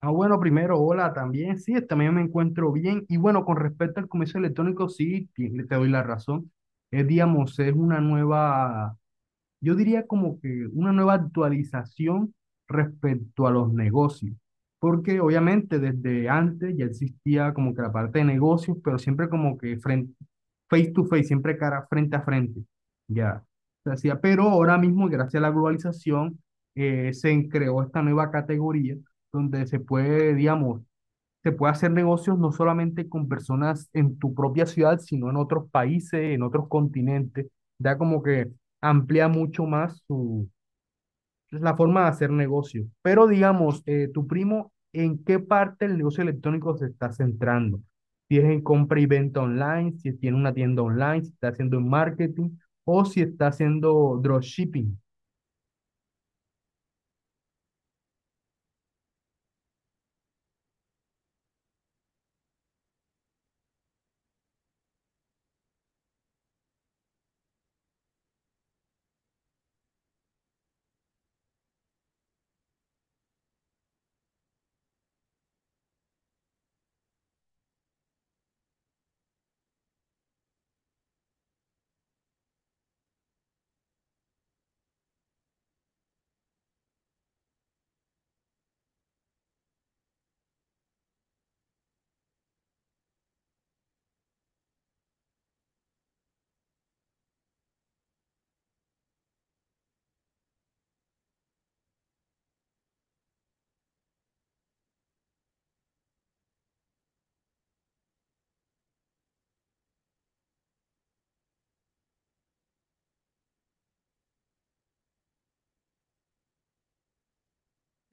Ah, bueno, primero, hola también. Sí, también me encuentro bien. Y bueno, con respecto al comercio electrónico, sí, te doy la razón. Es, digamos, es una nueva, yo diría como que una nueva actualización respecto a los negocios, porque obviamente desde antes ya existía como que la parte de negocios, pero siempre como que frente, face to face, siempre cara frente a frente, ya se hacía. Pero ahora mismo, gracias a la globalización, se creó esta nueva categoría donde se puede, digamos, se puede hacer negocios no solamente con personas en tu propia ciudad, sino en otros países, en otros continentes. Da como que amplía mucho más su, pues, la forma de hacer negocio. Pero digamos, tu primo, ¿en qué parte del negocio electrónico se está centrando? Si es en compra y venta online, si tiene una tienda online, si está haciendo marketing o si está haciendo dropshipping.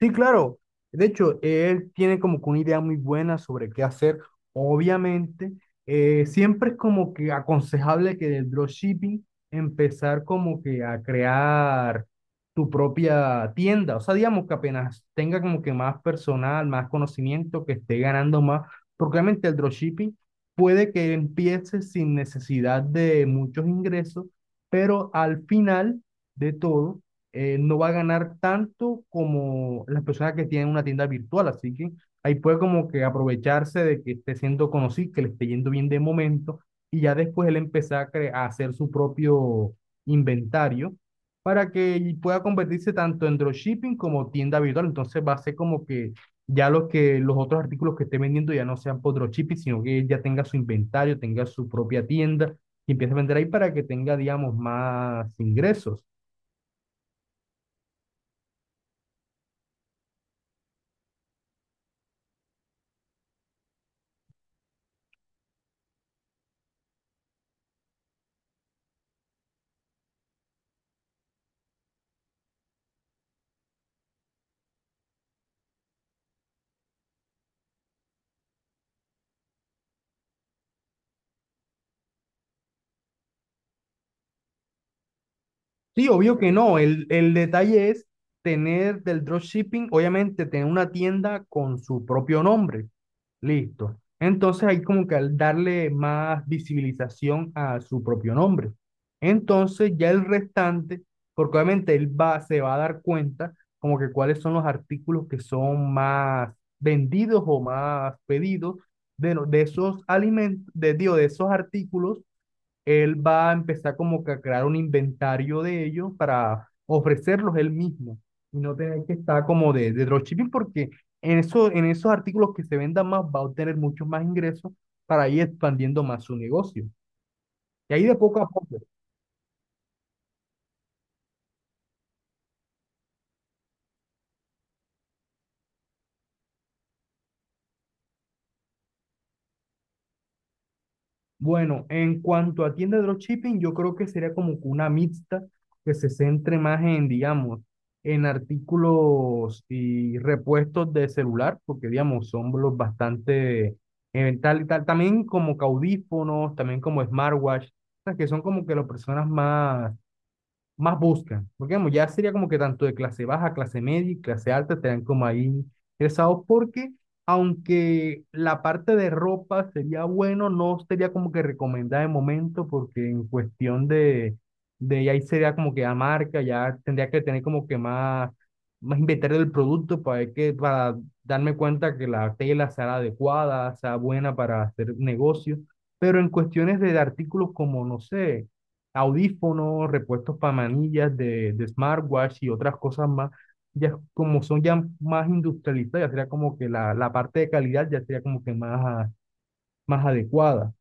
Sí, claro. De hecho, él tiene como que una idea muy buena sobre qué hacer. Obviamente, siempre es como que aconsejable que del dropshipping empezar como que a crear tu propia tienda. O sea, digamos que apenas tenga como que más personal, más conocimiento, que esté ganando más. Porque obviamente el dropshipping puede que empiece sin necesidad de muchos ingresos, pero al final de todo, no va a ganar tanto como las personas que tienen una tienda virtual. Así que ahí puede como que aprovecharse de que esté siendo conocido, que le esté yendo bien de momento, y ya después él empezar a hacer su propio inventario para que pueda convertirse tanto en dropshipping como tienda virtual. Entonces va a ser como que ya los que los otros artículos que esté vendiendo ya no sean por dropshipping, sino que él ya tenga su inventario, tenga su propia tienda y empiece a vender ahí para que tenga, digamos, más ingresos. Sí, obvio que no. El detalle es tener del dropshipping, obviamente tener una tienda con su propio nombre. Listo. Entonces hay como que al darle más visibilización a su propio nombre. Entonces ya el restante, porque obviamente se va a dar cuenta como que cuáles son los artículos que son más vendidos o más pedidos de, no- de esos alimentos, de, digo, de esos artículos, él va a empezar como que a crear un inventario de ellos para ofrecerlos él mismo y no tener que estar como de dropshipping, porque en esos artículos que se vendan más va a obtener muchos más ingresos para ir expandiendo más su negocio. Y ahí de poco a poco. Bueno, en cuanto a tienda de dropshipping, yo creo que sería como que una mixta que se centre más en, digamos, en artículos y repuestos de celular, porque, digamos, son los bastante, también como que audífonos, también como smartwatch, o sea, que son como que las personas más buscan. Porque digamos, ya sería como que tanto de clase baja, clase media y clase alta estarían como ahí interesados, porque aunque la parte de ropa sería bueno, no sería como que recomendada de momento, porque en cuestión de ahí sería como que la marca, ya tendría que tener como que más inventario del producto para ver que, para darme cuenta que la tela sea adecuada, sea buena para hacer negocio. Pero en cuestiones de artículos como, no sé, audífonos, repuestos para manillas de smartwatch y otras cosas más, ya como son ya más industrializadas, ya sería como que la parte de calidad ya sería como que más, más adecuada.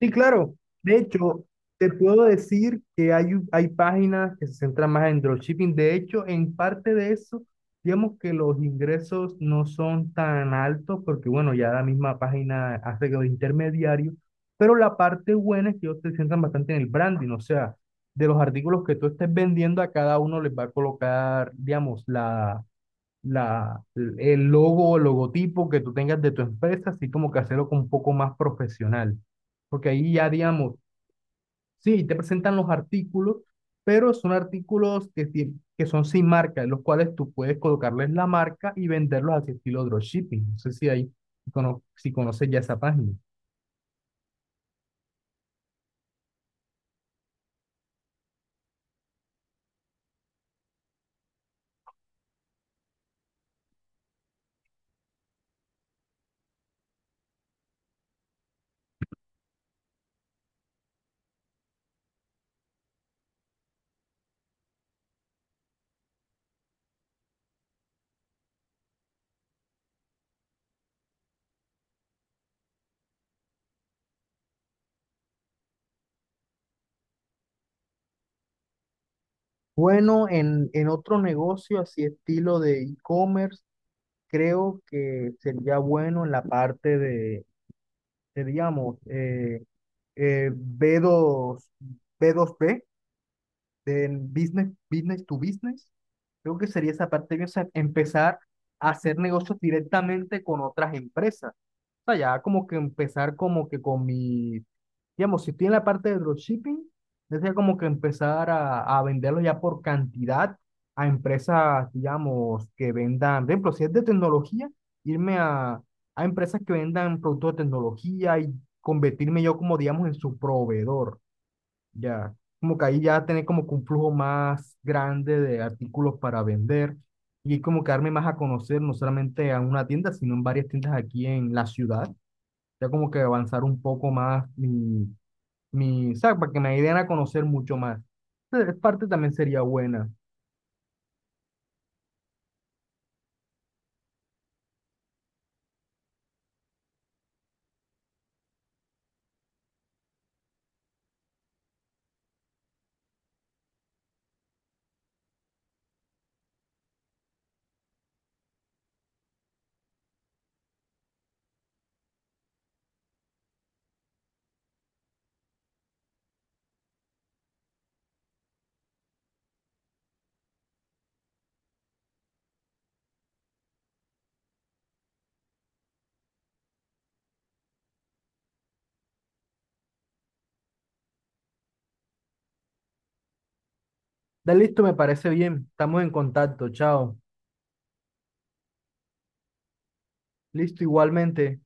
Sí, claro. De hecho, te puedo decir que hay páginas que se centran más en dropshipping. De hecho, en parte de eso, digamos que los ingresos no son tan altos, porque, bueno, ya la misma página hace que los intermediarios, pero la parte buena es que ellos se centran bastante en el branding. O sea, de los artículos que tú estés vendiendo, a cada uno les va a colocar, digamos, el logo o logotipo que tú tengas de tu empresa, así como que hacerlo con un poco más profesional. Porque ahí ya, digamos, sí, te presentan los artículos, pero son artículos que son sin marca, en los cuales tú puedes colocarles la marca y venderlos así estilo dropshipping. No sé si ahí, si conoces ya esa página. Bueno, en otro negocio así estilo de e-commerce, creo que sería bueno en la parte de, seríamos, eh, b dos b dos b, del business, to business. Creo que sería esa parte, o sea, empezar a hacer negocios directamente con otras empresas. O sea, ya como que empezar como que con mi, digamos, si estoy en la parte de dropshipping, sería como que empezar a venderlo ya por cantidad a empresas, digamos, que vendan, por ejemplo, si es de tecnología, irme a empresas que vendan productos de tecnología y convertirme yo como, digamos, en su proveedor, ya. Como que ahí ya tener como que un flujo más grande de artículos para vender y como que darme más a conocer, no solamente a una tienda, sino en varias tiendas aquí en la ciudad, ya como que avanzar un poco más mi, o sea, para que me den a conocer mucho más. Entonces, parte también sería buena. Da listo, me parece bien. Estamos en contacto. Chao. Listo, igualmente.